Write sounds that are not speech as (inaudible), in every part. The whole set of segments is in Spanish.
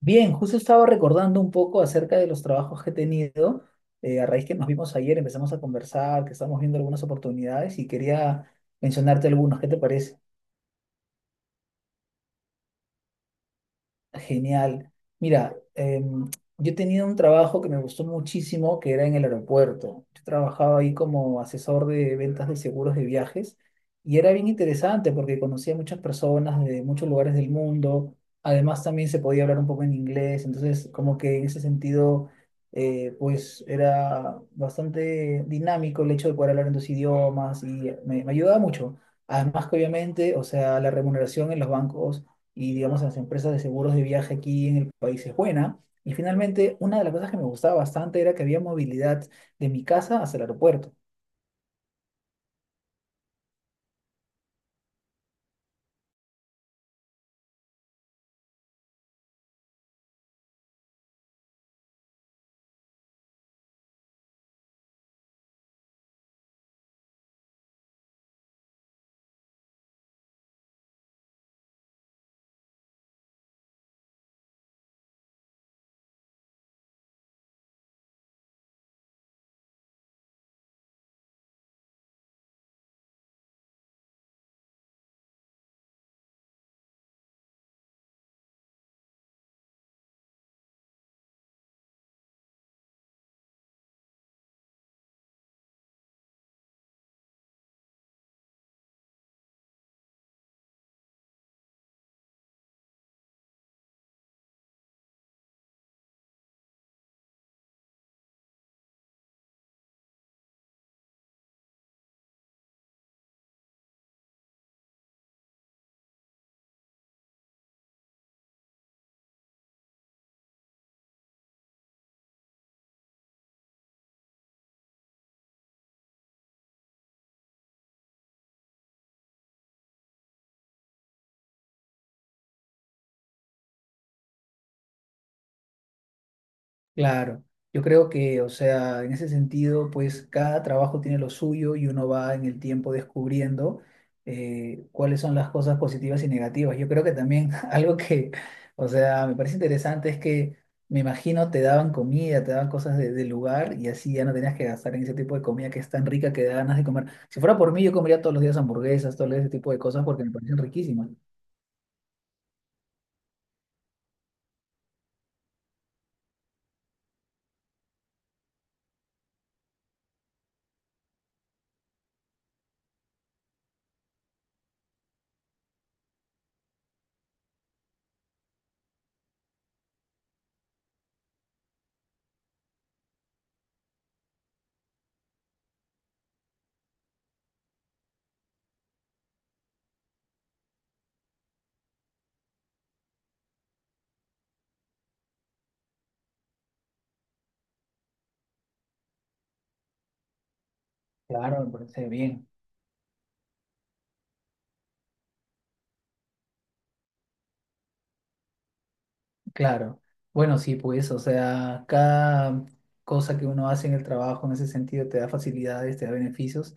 Bien, justo estaba recordando un poco acerca de los trabajos que he tenido. A raíz que nos vimos ayer, empezamos a conversar, que estamos viendo algunas oportunidades y quería mencionarte algunos. ¿Qué te parece? Genial. Mira, yo tenía un trabajo que me gustó muchísimo, que era en el aeropuerto. Yo trabajaba ahí como asesor de ventas de seguros de viajes y era bien interesante porque conocía muchas personas de muchos lugares del mundo. Además, también se podía hablar un poco en inglés. Entonces, como que en ese sentido, pues era bastante dinámico el hecho de poder hablar en dos idiomas y me ayudaba mucho. Además que obviamente, o sea, la remuneración en los bancos y digamos en las empresas de seguros de viaje aquí en el país es buena. Y finalmente, una de las cosas que me gustaba bastante era que había movilidad de mi casa hasta el aeropuerto. Claro, yo creo que, o sea, en ese sentido, pues cada trabajo tiene lo suyo y uno va en el tiempo descubriendo cuáles son las cosas positivas y negativas. Yo creo que también (laughs) algo que, o sea, me parece interesante es que me imagino te daban comida, te daban cosas del lugar y así ya no tenías que gastar en ese tipo de comida que es tan rica que da ganas de comer. Si fuera por mí, yo comería todos los días hamburguesas, todo ese tipo de cosas porque me parecen riquísimas. Claro, me parece bien. Claro, bueno, sí, pues, o sea, cada cosa que uno hace en el trabajo en ese sentido te da facilidades, te da beneficios.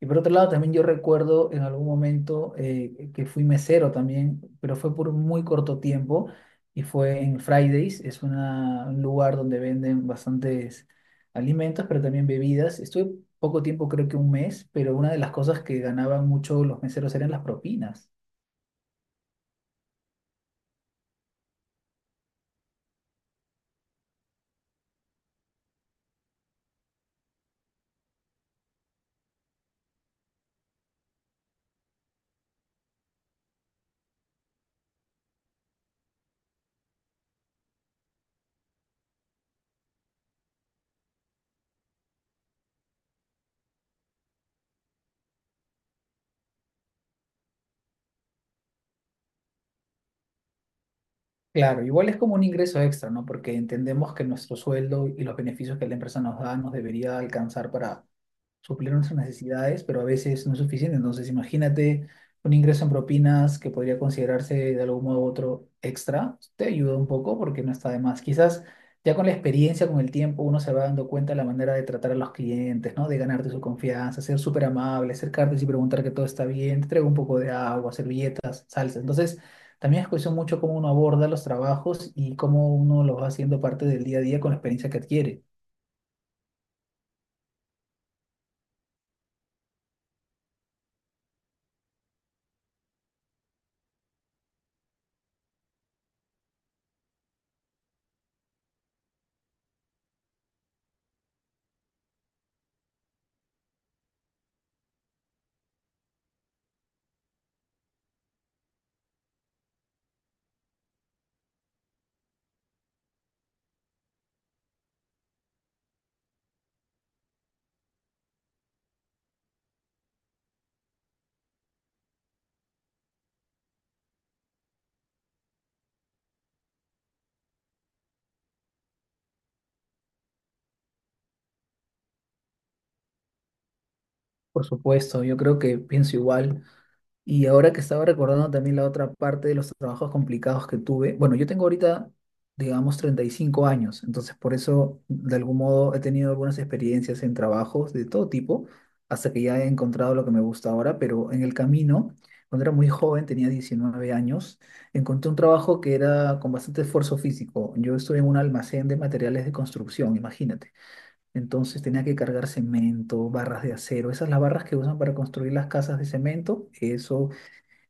Y por otro lado, también yo recuerdo en algún momento que fui mesero también, pero fue por muy corto tiempo y fue en Fridays, es un lugar donde venden bastantes alimentos, pero también bebidas. Estuve poco tiempo, creo que un mes, pero una de las cosas que ganaban mucho los meseros eran las propinas. Claro, igual es como un ingreso extra, ¿no? Porque entendemos que nuestro sueldo y los beneficios que la empresa nos da nos debería alcanzar para suplir nuestras necesidades, pero a veces no es suficiente. Entonces, imagínate un ingreso en propinas que podría considerarse de algún modo u otro extra, te ayuda un poco porque no está de más. Quizás ya con la experiencia, con el tiempo, uno se va dando cuenta de la manera de tratar a los clientes, ¿no? De ganarte su confianza, ser súper amable, acercarte y preguntar que todo está bien, te traigo un poco de agua, servilletas, salsa. Entonces, también es cuestión mucho cómo uno aborda los trabajos y cómo uno los va haciendo parte del día a día con la experiencia que adquiere. Por supuesto, yo creo que pienso igual. Y ahora que estaba recordando también la otra parte de los trabajos complicados que tuve, bueno, yo tengo ahorita, digamos, 35 años, entonces por eso, de algún modo, he tenido algunas experiencias en trabajos de todo tipo, hasta que ya he encontrado lo que me gusta ahora, pero en el camino, cuando era muy joven, tenía 19 años, encontré un trabajo que era con bastante esfuerzo físico. Yo estuve en un almacén de materiales de construcción, imagínate. Entonces tenía que cargar cemento, barras de acero, esas las barras que usan para construir las casas de cemento, eso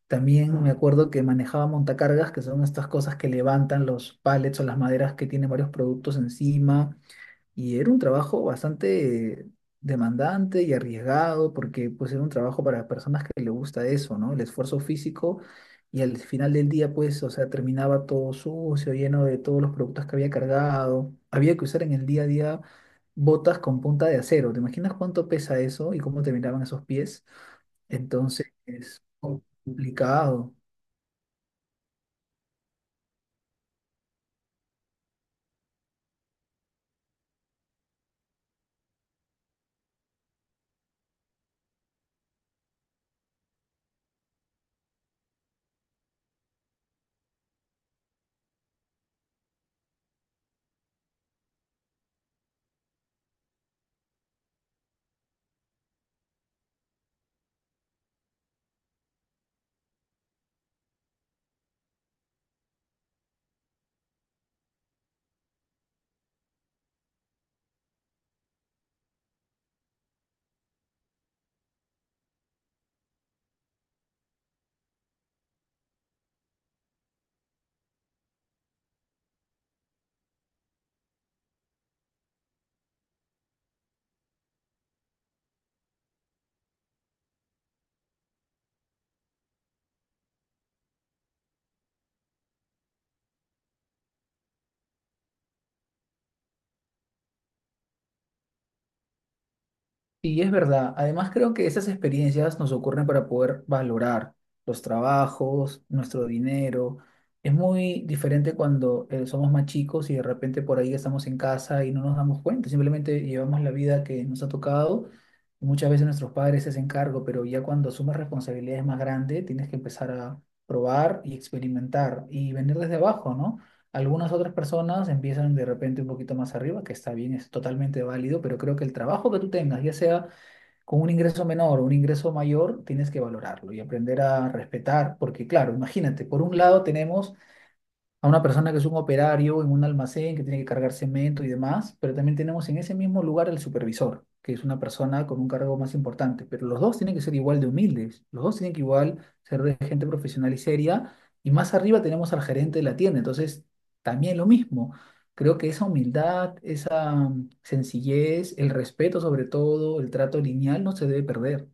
también me acuerdo que manejaba montacargas, que son estas cosas que levantan los pallets o las maderas que tienen varios productos encima. Y era un trabajo bastante demandante y arriesgado, porque pues era un trabajo para personas que le gusta eso, ¿no? El esfuerzo físico. Y al final del día, pues, o sea, terminaba todo sucio, lleno de todos los productos que había cargado. Había que usar en el día a día botas con punta de acero. ¿Te imaginas cuánto pesa eso y cómo terminaban esos pies? Entonces, es complicado. Y es verdad, además creo que esas experiencias nos ocurren para poder valorar los trabajos, nuestro dinero. Es muy diferente cuando somos más chicos y de repente por ahí estamos en casa y no nos damos cuenta, simplemente llevamos la vida que nos ha tocado. Muchas veces nuestros padres se hacen cargo, pero ya cuando asumes responsabilidades más grandes, tienes que empezar a probar y experimentar y venir desde abajo, ¿no? Algunas otras personas empiezan de repente un poquito más arriba, que está bien, es totalmente válido, pero creo que el trabajo que tú tengas, ya sea con un ingreso menor o un ingreso mayor, tienes que valorarlo y aprender a respetar, porque claro, imagínate, por un lado tenemos a una persona que es un operario en un almacén que tiene que cargar cemento y demás, pero también tenemos en ese mismo lugar al supervisor, que es una persona con un cargo más importante, pero los dos tienen que ser igual de humildes, los dos tienen que igual ser de gente profesional y seria, y más arriba tenemos al gerente de la tienda, entonces también lo mismo. Creo que esa humildad, esa sencillez, el respeto sobre todo, el trato lineal no se debe perder.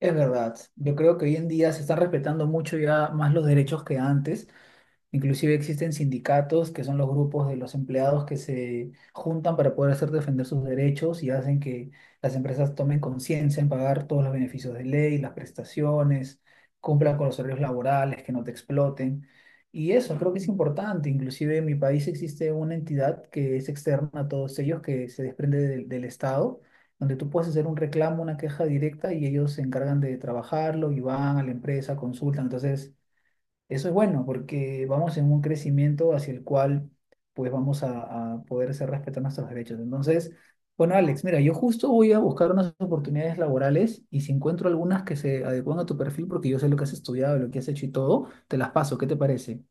Es verdad, yo creo que hoy en día se están respetando mucho ya más los derechos que antes. Inclusive existen sindicatos, que son los grupos de los empleados que se juntan para poder hacer defender sus derechos y hacen que las empresas tomen conciencia en pagar todos los beneficios de ley, las prestaciones, cumplan con los horarios laborales, que no te exploten. Y eso creo que es importante. Inclusive en mi país existe una entidad que es externa a todos ellos, que se desprende del Estado, donde tú puedes hacer un reclamo, una queja directa y ellos se encargan de trabajarlo y van a la empresa, consultan. Entonces… Eso es bueno porque vamos en un crecimiento hacia el cual pues vamos a poder hacer respetar nuestros derechos. Entonces, bueno, Alex, mira, yo justo voy a buscar unas oportunidades laborales y si encuentro algunas que se adecúan a tu perfil porque yo sé lo que has estudiado, lo que has hecho y todo, te las paso. ¿Qué te parece?